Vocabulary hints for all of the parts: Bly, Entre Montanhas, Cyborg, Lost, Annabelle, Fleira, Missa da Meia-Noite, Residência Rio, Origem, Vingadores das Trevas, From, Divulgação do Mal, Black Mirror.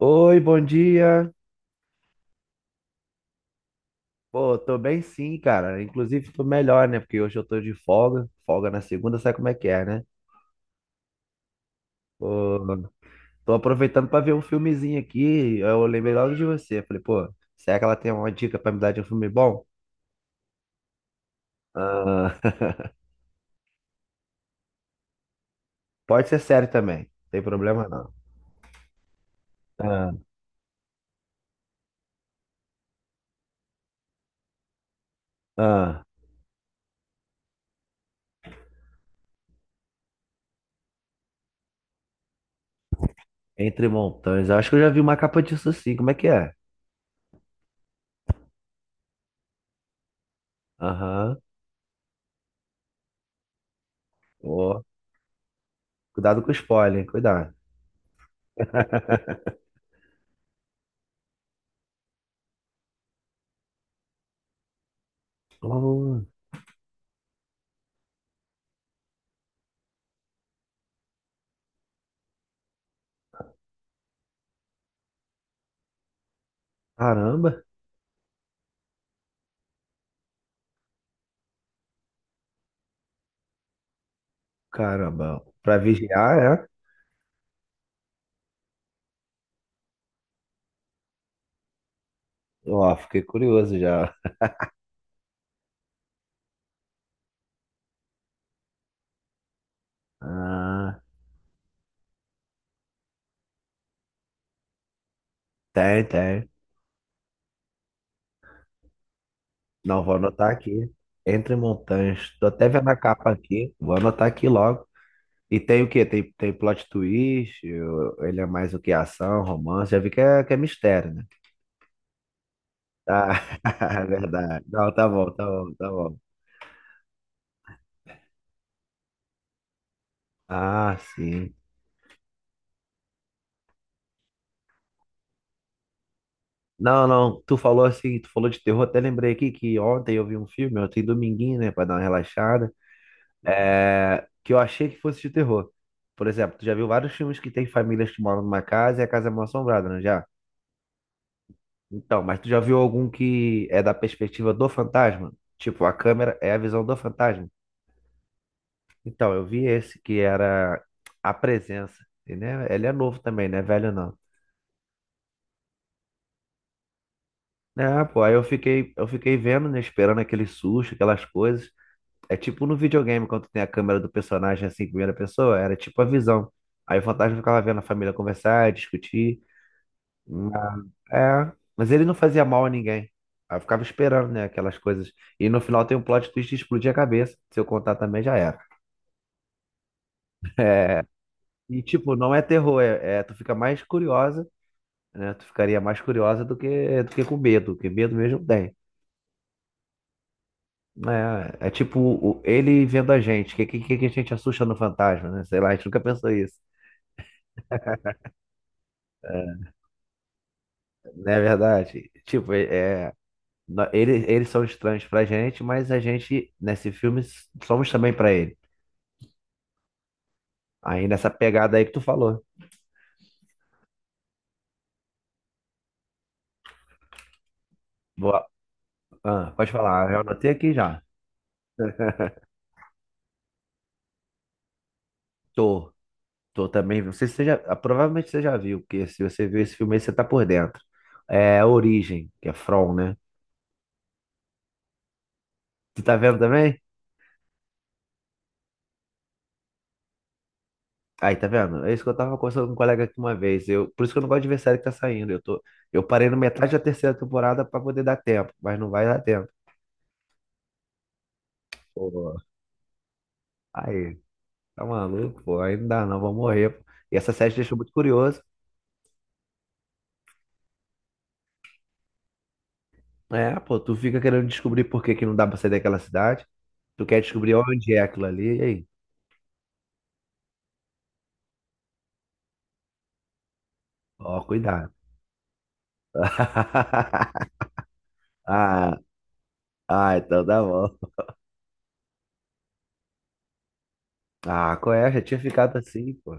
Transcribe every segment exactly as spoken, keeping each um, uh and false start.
Oi, bom dia. Pô, tô bem sim, cara. Inclusive, tô melhor, né? Porque hoje eu tô de folga. Folga na segunda, sabe como é que é, né? Pô, tô aproveitando pra ver um filmezinho aqui. Eu lembrei logo de você. Falei, pô, será que ela tem uma dica pra me dar de um filme bom? Ah, pode ser sério também, não tem problema não. Ah, ah, Entre Montanhas. Eu acho que eu já vi uma capa disso sim. Como é que é? Aham. Ó, cuidado com o spoiler, hein? Cuidado. Oh, caramba. Caramba, pra vigiar, é? Ó, fiquei curioso já. Ah, tem, tem. Não, vou anotar aqui. Entre montanhas. Tô até vendo a capa aqui. Vou anotar aqui logo. E tem o quê? Tem, tem plot twist? Eu- ele é mais o que? Ação, romance? Já vi que é, que é mistério, né? Tá, é verdade. Não, tá bom, tá bom, tá bom. Ah, sim. Não, não, tu falou assim, tu falou de terror, até lembrei aqui que ontem eu vi um filme, ontem dominguinho, né, pra dar uma relaxada. É, que eu achei que fosse de terror. Por exemplo, tu já viu vários filmes que tem famílias que moram numa casa e a casa é mal assombrada, não é já? Então, mas tu já viu algum que é da perspectiva do fantasma? Tipo, a câmera é a visão do fantasma. Então, eu vi esse que era a presença. E, né, ele é novo também, não é velho não. É, pô, aí eu fiquei, eu fiquei vendo, né, esperando aquele susto, aquelas coisas. É tipo no videogame, quando tem a câmera do personagem assim, em primeira pessoa, era tipo a visão. Aí o fantasma ficava vendo a família conversar, discutir. Ma- é, mas ele não fazia mal a ninguém. Aí eu ficava esperando, né, aquelas coisas. E no final tem um plot twist de explodir a cabeça. Se eu contar também já era. É, e tipo, não é terror, é, é- tu fica mais curiosa, né? Tu ficaria mais curiosa do que do que com medo, porque medo mesmo tem. É, é tipo o- ele vendo a gente, que, que, que a gente assusta no fantasma, né? Sei lá, a gente nunca pensou isso. É, não é verdade? Tipo, é, é, nó- ele, eles são estranhos pra gente, mas a gente, nesse filme, somos também pra ele. Aí nessa pegada aí que tu falou. Vou, ah, pode falar, eu anotei aqui já. Tô, tô também. Não sei se você já, ah, provavelmente você já viu, porque se você viu esse filme aí, você tá por dentro. É Origem, que é From, né? Tu tá vendo também? Aí, tá vendo? É isso que eu tava conversando com um colega aqui uma vez. Eu, por isso que eu não gosto de ver série que tá saindo. Eu tô, eu parei na metade da terceira temporada pra poder dar tempo, mas não vai dar tempo. Pô, aí, tá maluco, pô, aí não dá não, vou morrer. E essa série te deixou muito curioso. É, pô, tu fica querendo descobrir por que que não dá pra sair daquela cidade. Tu quer descobrir onde é aquilo ali, e aí? Ó, cuidado. Ah, ah, então tá bom. Ah, qual é? Já tinha ficado assim, pô.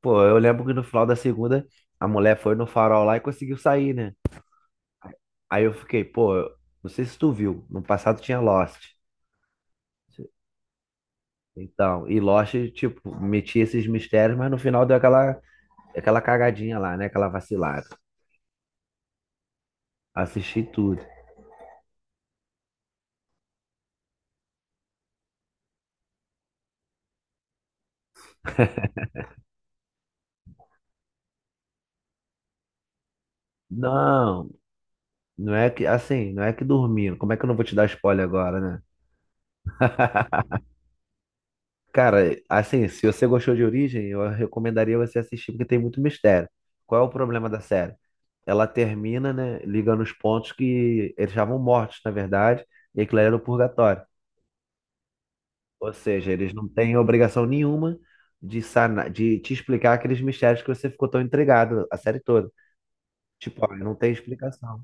Pô, eu lembro que no final da segunda, a mulher foi no farol lá e conseguiu sair, né? Aí eu fiquei, pô, eu- não sei se tu viu, no passado tinha Lost. Então, e Lost, tipo, metia esses mistérios, mas no final deu aquela, aquela cagadinha lá, né? Aquela vacilada. Assisti tudo. Não, não é que, assim, não é que dormindo. Como é que eu não vou te dar spoiler agora, né? Cara, assim, se você gostou de Origem, eu recomendaria você assistir, porque tem muito mistério. Qual é o problema da série? Ela termina, né, ligando os pontos que eles estavam mortos, na verdade, e aquilo era o purgatório. Ou seja, eles não têm obrigação nenhuma de sanar, de te explicar aqueles mistérios que você ficou tão entregado a série toda. Tipo, ó, não tem explicação.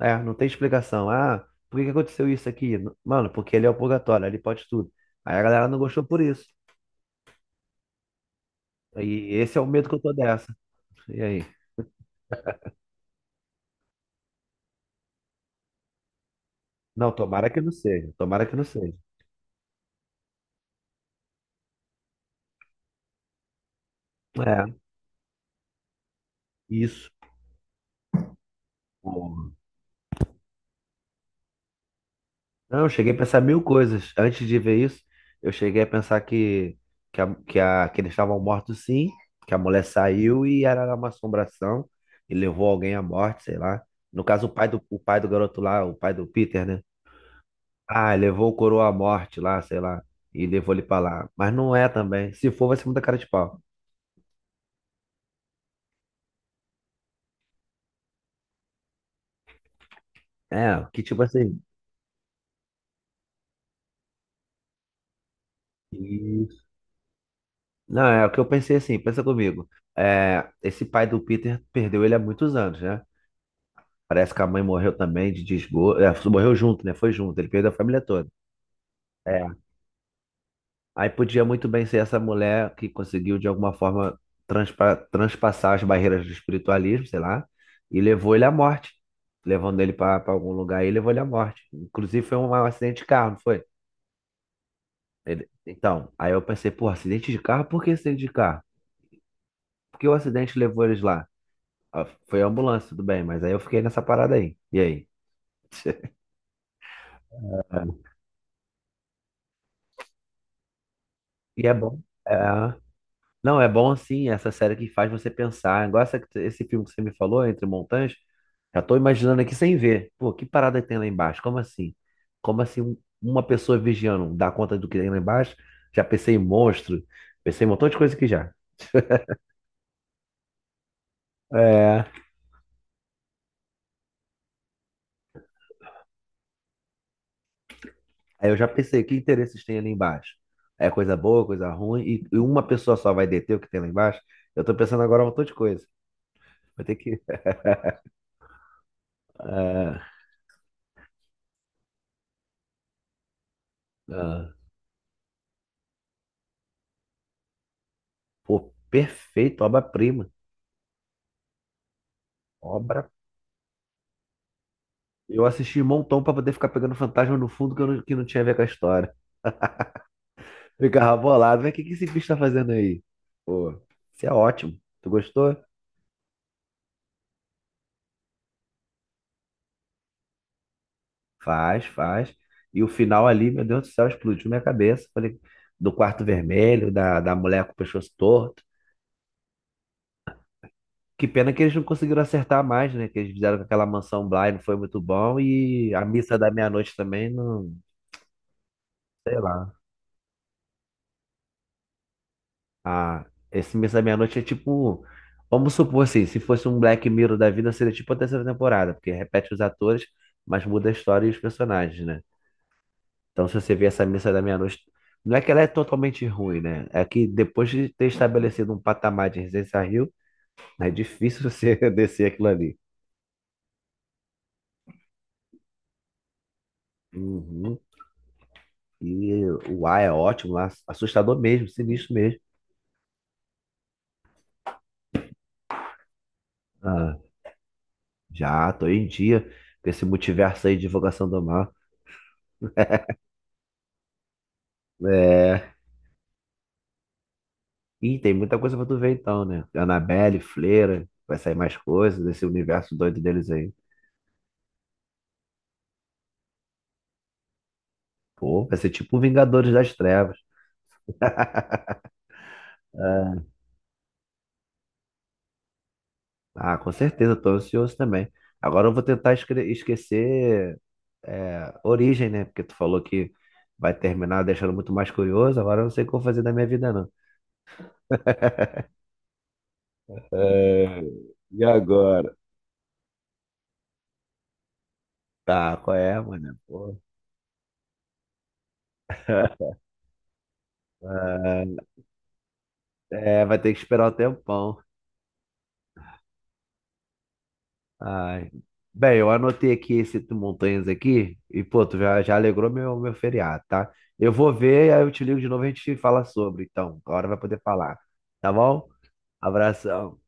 É, não tem explicação. Ah, por que que aconteceu isso aqui? N- mano, porque ele é o purgatório, ele pode tudo. Aí a galera não gostou por isso. E esse é o medo que eu tô dessa. E aí? Não, tomara que não seja. Tomara que não seja. É, isso. Porra. Não, eu cheguei a pensar mil coisas. Antes de ver isso, eu cheguei a pensar que, que, a, que, a- que eles estavam mortos sim, que a mulher saiu e era uma assombração e levou alguém à morte, sei lá. No caso, o pai do, o pai do garoto lá, o pai do Peter, né? Ah, levou o coroa à morte lá, sei lá, e levou ele pra lá. Mas não é também. Se for, vai ser muita cara de pau. É, que tipo assim. Isso. Não, é o que eu pensei assim, pensa comigo. É, esse pai do Peter perdeu ele há muitos anos, né? Parece que a mãe morreu também de desgosto. É, morreu junto, né? Foi junto, ele perdeu a família toda. É, aí podia muito bem ser essa mulher que conseguiu, de alguma forma, transpa- transpassar as barreiras do espiritualismo, sei lá, e levou ele à morte. Levando ele para algum lugar e levou ele à morte. Inclusive, foi um acidente de carro, não foi? Ele- então, aí eu pensei, pô, acidente de carro? Por que acidente de carro? Por que o acidente levou eles lá? Ah, foi a ambulância, tudo bem, mas aí eu fiquei nessa parada aí. E aí? É. E é bom. É. Não, é bom assim, essa série que faz você pensar. Igual essa, esse filme que você me falou, Entre Montanhas, já tô imaginando aqui sem ver. Pô, que parada tem lá embaixo? Como assim? Como assim um- uma pessoa vigiando dá conta do que tem lá embaixo? Já pensei em monstro, pensei em um montão de coisa que já. É. Aí eu já pensei, que interesses tem ali embaixo? É coisa boa, coisa ruim, e, e uma pessoa só vai deter o que tem lá embaixo? Eu tô pensando agora um montão de coisa. Vai ter que. ah, ah, pô, perfeito, obra-prima. Eu assisti um montão pra poder ficar pegando fantasma no fundo que, eu não, que não tinha a ver com a história. Ficava bolado, mas o que, que esse bicho tá fazendo aí? Pô, isso é ótimo. Tu gostou? Faz, faz. E o final ali, meu Deus do céu, explodiu minha cabeça. Falei, do quarto vermelho, da, da mulher com o pescoço torto. Que pena que eles não conseguiram acertar mais, né? Que eles fizeram com aquela mansão Bly, não foi muito bom. E a missa da meia-noite também, não sei lá. Ah, esse Missa da Meia-Noite é tipo. Vamos supor assim, se fosse um Black Mirror da vida, seria tipo a terceira temporada, porque repete os atores, mas muda a história e os personagens, né? Então, se você vê essa Missa da Meia-Noite, não é que ela é totalmente ruim, né? É que depois de ter estabelecido um patamar de Residência Rio, é difícil você descer aquilo ali. Uhum. E o ar é ótimo lá, assustador mesmo, sinistro mesmo. Ah, já, tô em dia com esse multiverso aí de Divulgação do Mal. É, ih, tem muita coisa pra tu ver então, né? Annabelle, Fleira, vai sair mais coisas desse universo doido deles aí. Pô, vai ser tipo Vingadores das Trevas. É. Ah, com certeza, tô ansioso também. Agora eu vou tentar esque- esquecer é, Origem, né? Porque tu falou que vai terminar deixando muito mais curioso. Agora eu não sei o que eu vou fazer da minha vida, não. É, e agora? Tá, qual é, mano? Pô, ah, é, vai ter que esperar um tempão. Ai. Bem, eu anotei aqui esse tu- montanhas aqui e, pô, tu já, já alegrou meu, meu feriado, tá? Eu vou ver, aí eu te ligo de novo e a gente fala sobre. Então, agora vai poder falar. Tá bom? Abração.